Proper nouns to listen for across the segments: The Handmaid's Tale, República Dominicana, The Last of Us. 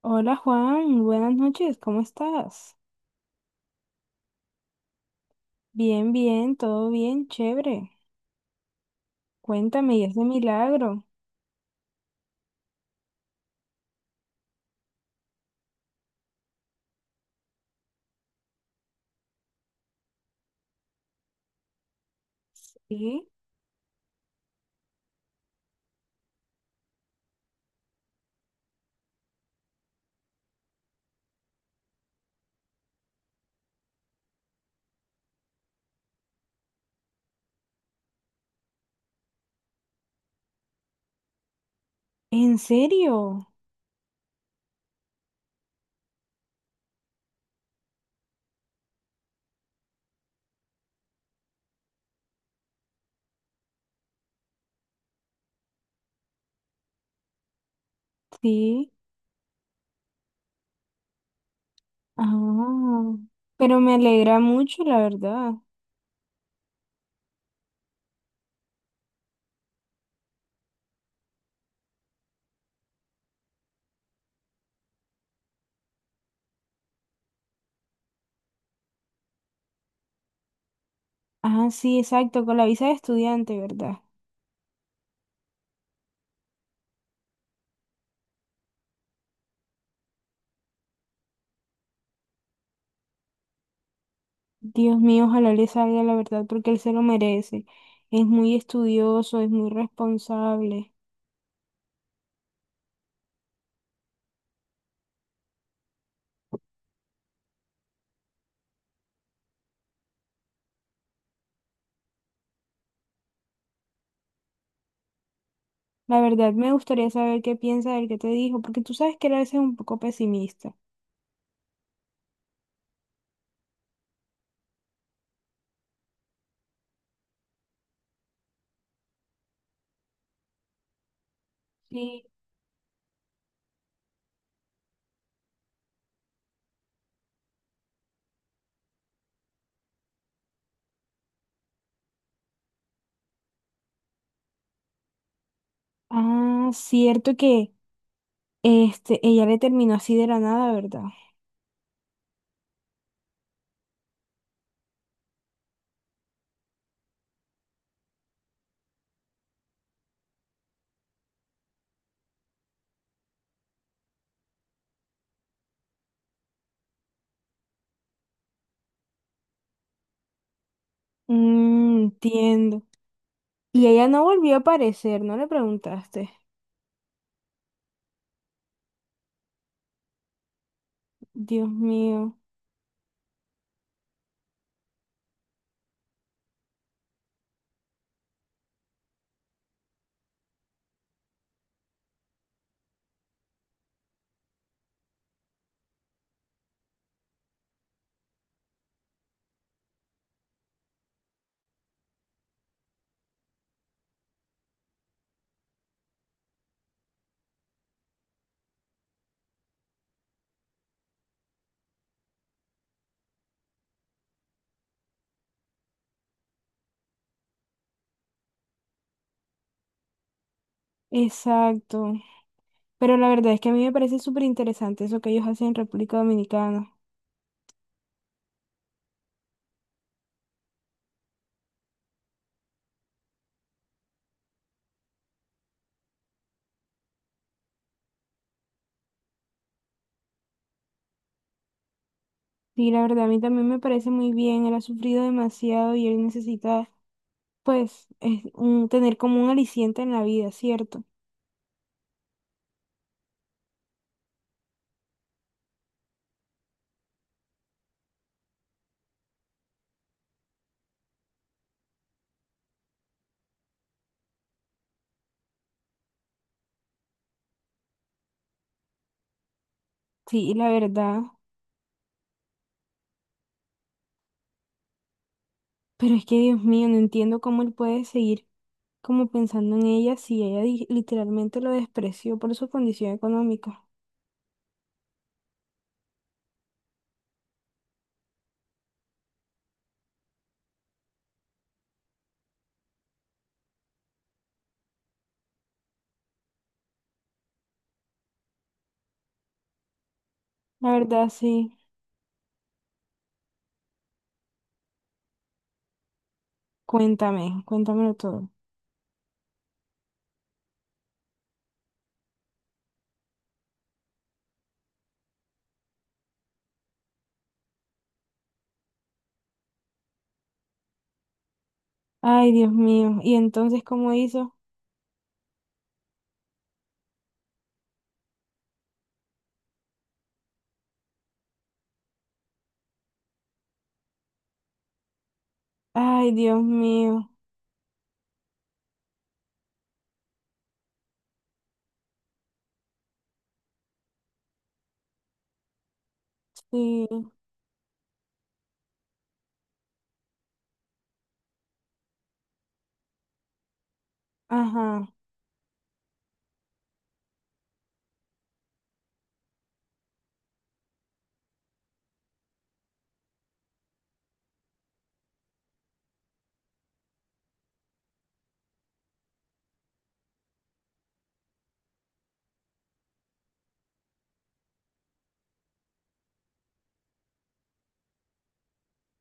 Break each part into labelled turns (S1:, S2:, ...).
S1: Hola Juan, buenas noches, ¿cómo estás? Bien, bien, todo bien, chévere. Cuéntame, ¿y ese milagro? Sí. ¿En serio? Sí. Ah, pero me alegra mucho, la verdad. Ah, sí, exacto, con la visa de estudiante, ¿verdad? Dios mío, ojalá le salga la verdad porque él se lo merece. Es muy estudioso, es muy responsable. La verdad, me gustaría saber qué piensa él, qué te dijo, porque tú sabes que él a veces es un poco pesimista. Sí. Ah, cierto que este, ella le terminó así de la nada, ¿verdad? Mm, entiendo. Y ella no volvió a aparecer, ¿no le preguntaste? Dios mío, exacto. Pero la verdad es que a mí me parece súper interesante eso que ellos hacen en República Dominicana. Sí, la verdad, a mí también me parece muy bien. Él ha sufrido demasiado y él necesita, pues, es un, tener como un aliciente en la vida, ¿cierto? Sí, la verdad. Pero es que, Dios mío, no entiendo cómo él puede seguir, como pensando en ella, si ella di- literalmente lo despreció por su condición económica. La verdad, sí. Cuéntame, cuéntamelo todo. Ay, Dios mío. ¿Y entonces cómo hizo? Ay, Dios mío. Sí. Ajá.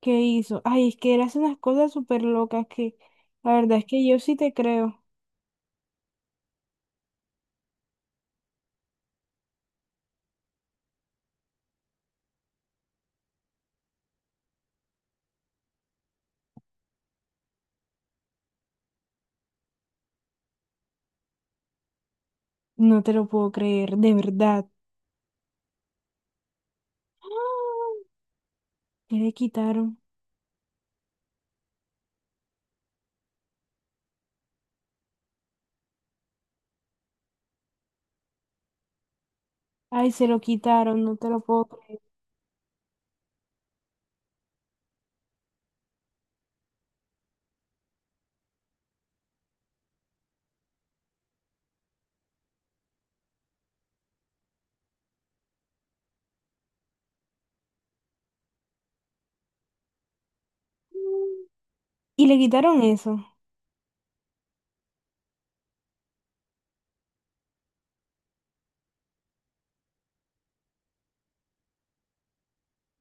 S1: ¿Qué hizo? Ay, es que él hace unas cosas súper locas que la verdad es que yo sí te creo. No te lo puedo creer, de verdad. ¡Ah! ¿Qué le quitaron? Ay, se lo quitaron, no te lo puedo creer. Y le quitaron eso.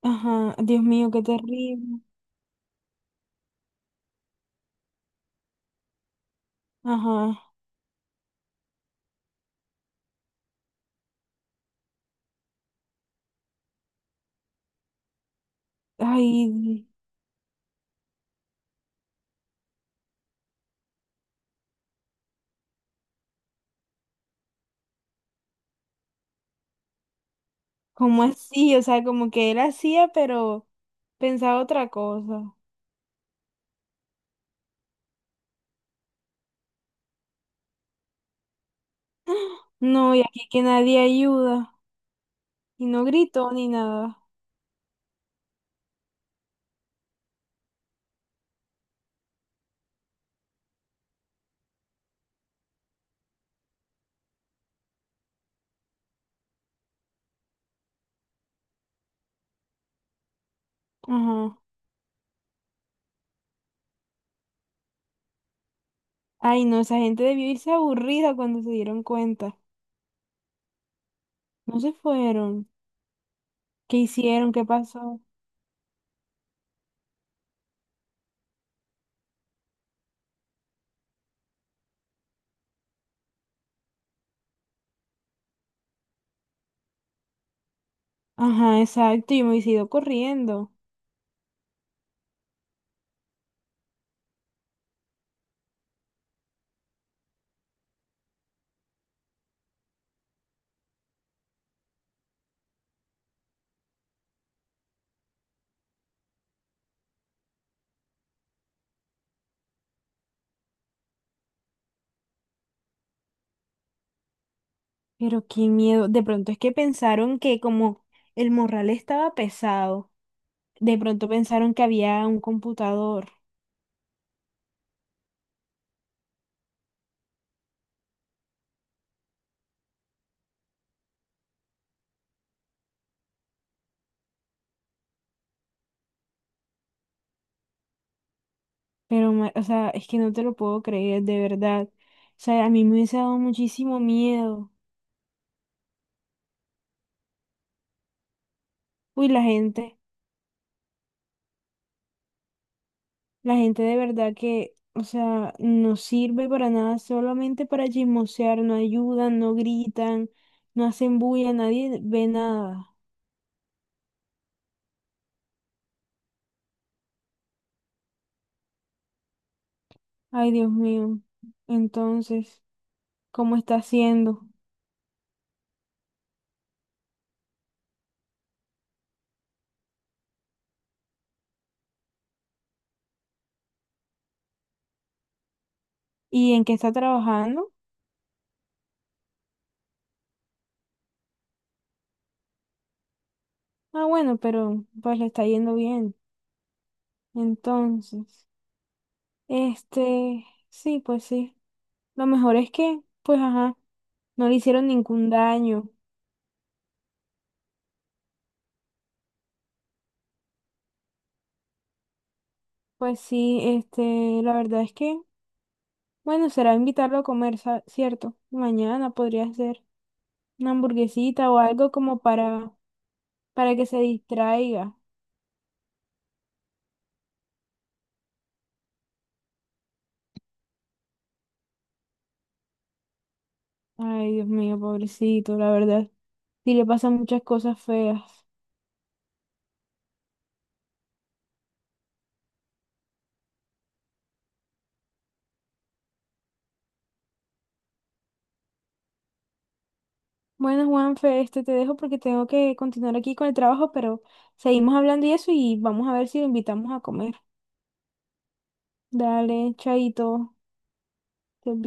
S1: Ajá, Dios mío, qué terrible. Ajá. Ay, ¿cómo así? O sea, como que él hacía, pero pensaba otra cosa. No, y aquí que nadie ayuda. Y no gritó ni nada. Ajá. Ay, no, esa gente debió irse aburrida cuando se dieron cuenta. No se fueron. ¿Qué hicieron? ¿Qué pasó? Ajá, exacto. Yo me hubiese ido corriendo. Pero qué miedo. De pronto es que pensaron que como el morral estaba pesado, de pronto pensaron que había un computador. Pero, ma- o sea, es que no te lo puedo creer, de verdad. O sea, a mí me hubiese dado muchísimo miedo. Uy, la gente de verdad que, o sea, no sirve para nada, solamente para chismosear, no ayudan, no gritan, no hacen bulla, nadie ve nada. Ay, Dios mío. Entonces, ¿cómo está haciendo? ¿Y en qué está trabajando? Ah, bueno, pero pues le está yendo bien. Entonces, este, sí, pues sí. Lo mejor es que, pues, ajá, no le hicieron ningún daño. Pues sí, este, la verdad es que, bueno, será invitarlo a comer, sa- ¿cierto? Mañana podría ser una hamburguesita o algo como para que se distraiga. Ay, Dios mío, pobrecito, la verdad. Sí le pasan muchas cosas feas. Bueno, Juanfe, este te dejo porque tengo que continuar aquí con el trabajo, pero seguimos hablando y eso y vamos a ver si lo invitamos a comer. Dale, chaito. Estés bien.